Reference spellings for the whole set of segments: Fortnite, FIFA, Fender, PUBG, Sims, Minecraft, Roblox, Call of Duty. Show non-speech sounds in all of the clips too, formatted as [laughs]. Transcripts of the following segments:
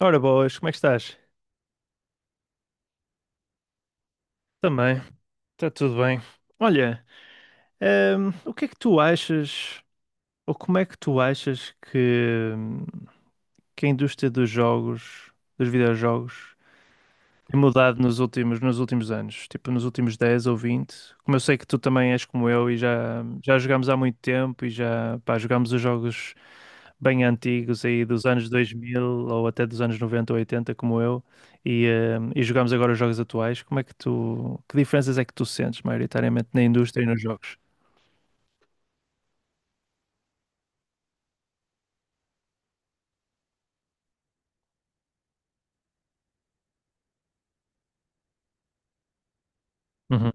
Ora boas, como é que estás? Também, está tudo bem. Olha, o que é que tu achas, ou como é que tu achas que a indústria dos jogos, dos videojogos, tem mudado nos últimos anos? Tipo, nos últimos 10 ou 20. Como eu sei que tu também és como eu e já jogámos há muito tempo e já, pá, jogámos os jogos bem antigos aí dos anos 2000 ou até dos anos 90 ou 80, como eu, e jogamos agora os jogos atuais. Como é que tu, que diferenças é que tu sentes maioritariamente na indústria e nos jogos? Uhum,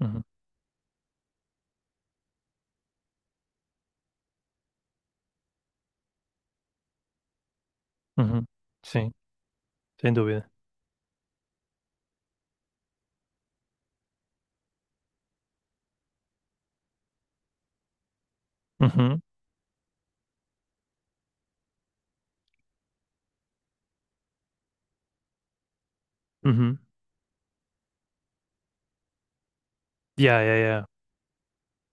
uhum, uhum. Sim, sem dúvida. Uhum, uhum. Yeah, yeah, yeah.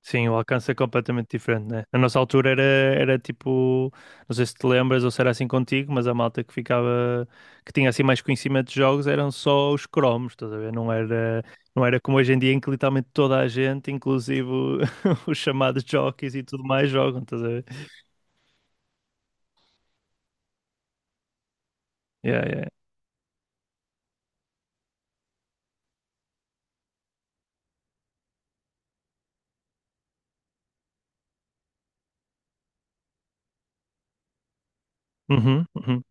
Sim, o alcance é completamente diferente, né? Na nossa altura era tipo, não sei se te lembras ou se era assim contigo, mas a malta que ficava, que tinha assim mais conhecimento de jogos eram só os cromos, estás a ver? Não era como hoje em dia em que literalmente toda a gente, inclusive [laughs] os chamados jockeys e tudo mais, jogam, estás a ver? Yeah, yeah. Uhum, uhum,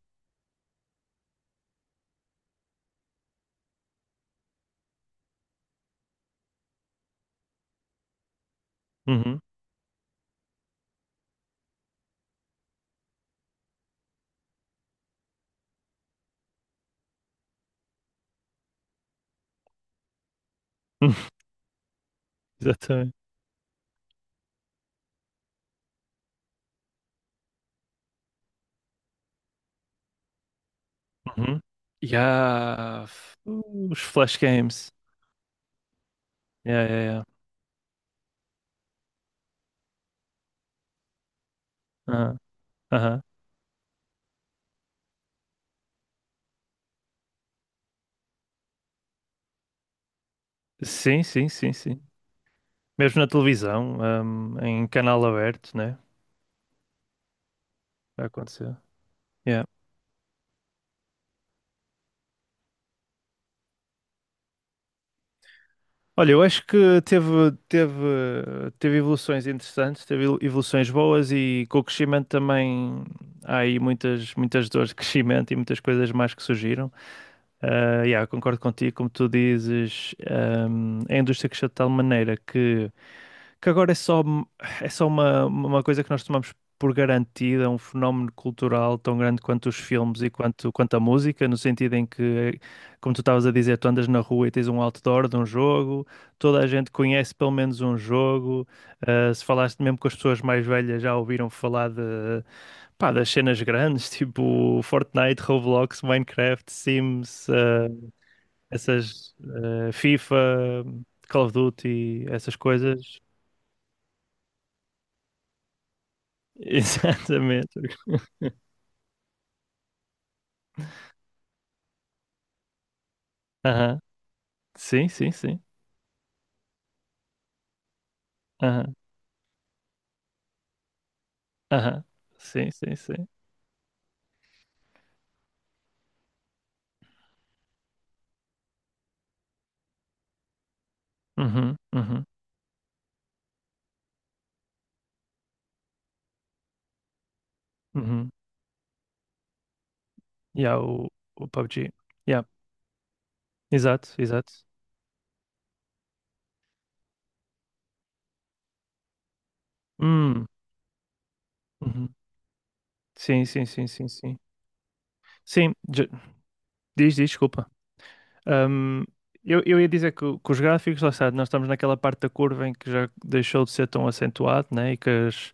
uhum. [laughs] Exatamente. Uhum. Yeah. Os flash games. Yeah, yeah, yeah. Ah, aham. Sim, sim, sim, sim. Mesmo na televisão, em canal aberto, né? Já aconteceu. Yeah. Olha, eu acho que teve evoluções interessantes, teve evoluções boas e com o crescimento também há aí muitas, muitas dores de crescimento e muitas coisas mais que surgiram. Ah, yeah, concordo contigo, como tu dizes, a indústria cresceu de tal maneira que agora é só, uma, coisa que nós tomamos por garantida, é um fenómeno cultural tão grande quanto os filmes e quanto a música, no sentido em que, como tu estavas a dizer, tu andas na rua e tens um outdoor de um jogo, toda a gente conhece pelo menos um jogo, ah, se falaste mesmo com as pessoas mais velhas já ouviram falar de, pá, das cenas grandes, [laughs] tipo Fortnite, Roblox, Minecraft, Sims, ah, essas, ah, FIFA, Call of Duty, essas coisas. [laughs] Exatamente. Aham. Sim, sim, sim. Aham. Aham. Sim, sim, sim. Uhum, uhum, uhum. E há o PUBG. Yeah. Exato, exato. Hum. Uhum. Sim, sim, sim, sim, sim. Sim, diz, diz, desculpa. Um, eu ia dizer que, que os gráficos, lá está, nós estamos naquela parte da curva em que já deixou de ser tão acentuado, né? E que as-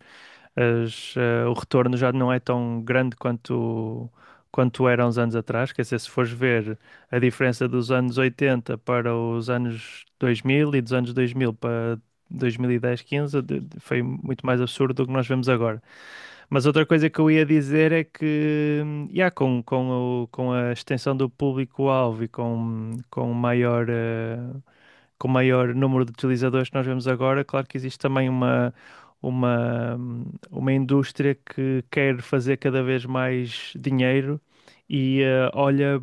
as, eh, o retorno já não é tão grande quanto era uns anos atrás. Quer dizer, se fores ver a diferença dos anos 80 para os anos 2000 e dos anos 2000 para 2010, 15, foi muito mais absurdo do que nós vemos agora. Mas outra coisa que eu ia dizer é que, yeah, com a extensão do público-alvo e com o maior número de utilizadores que nós vemos agora, claro que existe também uma, hum, uma indústria que quer fazer cada vez mais dinheiro e olha,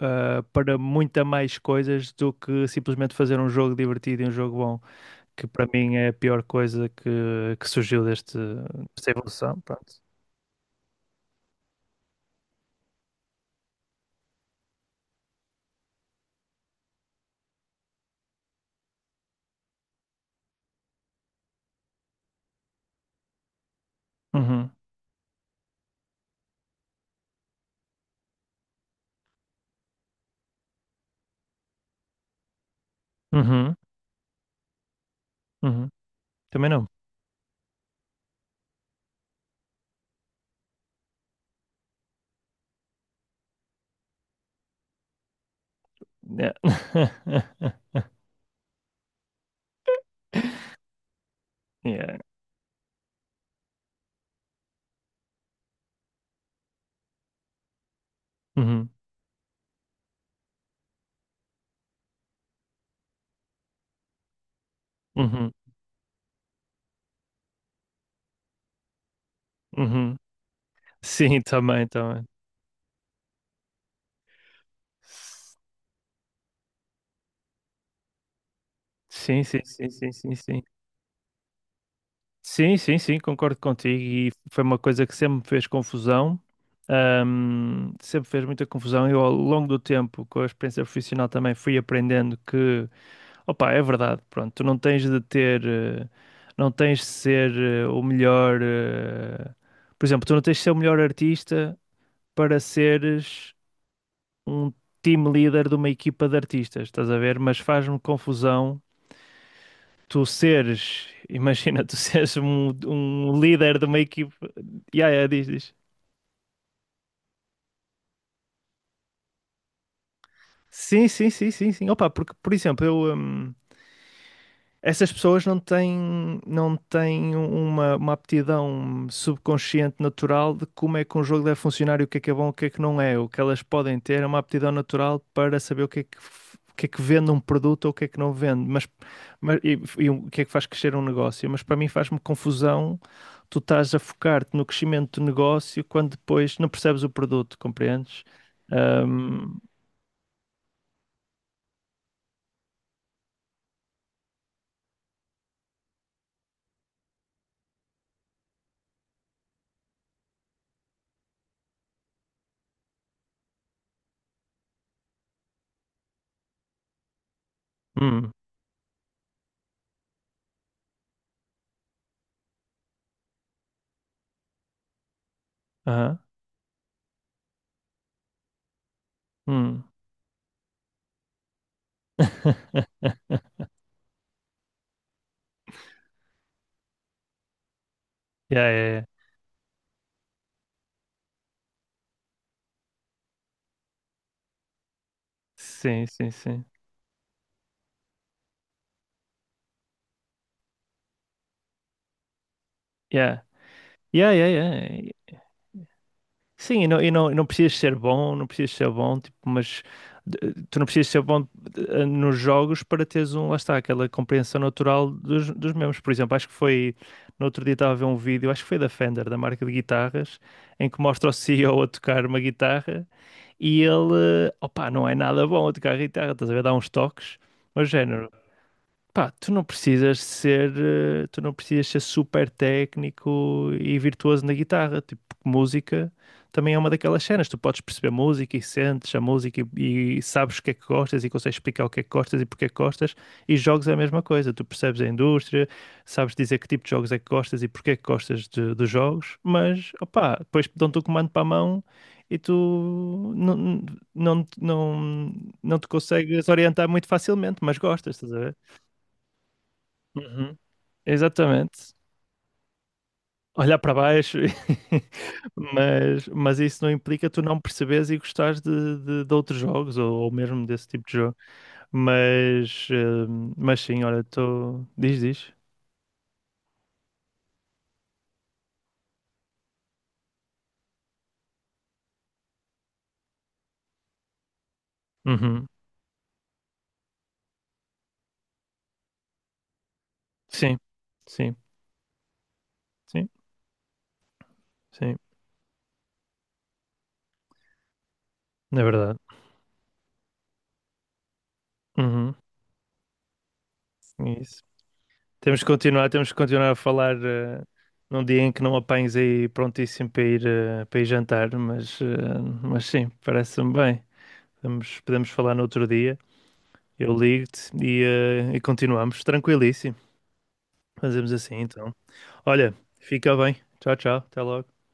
ah, para muita mais coisas do que simplesmente fazer um jogo divertido e um jogo bom, que para mim é a pior coisa que surgiu desta evolução. Pronto. Uhum, uhum. Também não. Yeah. [laughs] Yeah. Uhum, uhum, uhum. Sim, também, também. Sim, sim, sim, sim, sim, sim. Sim, sim, sim, concordo contigo. E foi uma coisa que sempre me fez confusão. Sempre fez muita confusão. Eu, ao longo do tempo, com a experiência profissional, também fui aprendendo que, opa, é verdade, pronto, tu não tens de ter, não tens de ser o melhor. Por exemplo, tu não tens de ser o melhor artista para seres um team leader de uma equipa de artistas, estás a ver? Mas faz-me confusão tu seres, [laughs] imagina, tu seres um líder de uma equipa. Ya, ya, diz, diz. Sim, sim, sim, sim, sim. Opa, porque, por exemplo, eu. Essas pessoas não têm uma aptidão subconsciente natural de como é que um jogo deve funcionar e o que é bom, o que é que não é. O que elas podem ter é uma aptidão natural para saber o que é que, o que é que vende um produto ou o que é que não vende, e o que é que faz crescer um negócio. Mas para mim faz-me confusão tu estás a focar-te no crescimento do negócio quando depois não percebes o produto, compreendes? Ahm, hum, aham, hum. [laughs] Yeah, yeah, yeah. Sim, sim, sim. Yeah. Yeah, yeah, yeah. Sim, e e não precisas ser bom, não precisas ser bom, tipo, mas tu não precisas ser bom nos jogos para teres um, lá está, aquela compreensão natural dos mesmos. Por exemplo, acho que foi, no outro dia estava a ver um vídeo, acho que foi da Fender, da marca de guitarras, em que mostra o [laughs] CEO a tocar uma guitarra e ele, opá, não é nada bom a tocar guitarra, estás a ver, dá uns toques, mas género. Pá, tu não precisas ser, super técnico e virtuoso na guitarra, tipo, porque música também é uma daquelas cenas, tu podes perceber música e sentes a música e sabes o que é que gostas e consegues explicar o que é que gostas e porque é que gostas, e jogos é a mesma coisa, tu percebes a indústria, sabes dizer que tipo de jogos é que gostas e porque é que gostas dos jogos, mas, opá, depois dão-te o comando para a mão e tu não, não, não te consegues orientar muito facilmente, mas gostas, estás a ver? Uhum. Exatamente. Olhar para baixo, [laughs] mas isso não implica tu não perceberes e gostares de outros jogos ou mesmo desse tipo de jogo. Mas, sim, olha, estou. Diz, diz. Uhum. Sim, sim, sim, sim, na verdade. Uhum. É isso. Temos que continuar a falar num dia em que não apanhes aí prontíssimo para ir, jantar, mas, sim, parece-me bem. Podemos falar no outro dia. Eu ligo-te e continuamos. Tranquilíssimo. Fazemos assim, então. Olha, fica bem. Tchau, tchau. Até logo.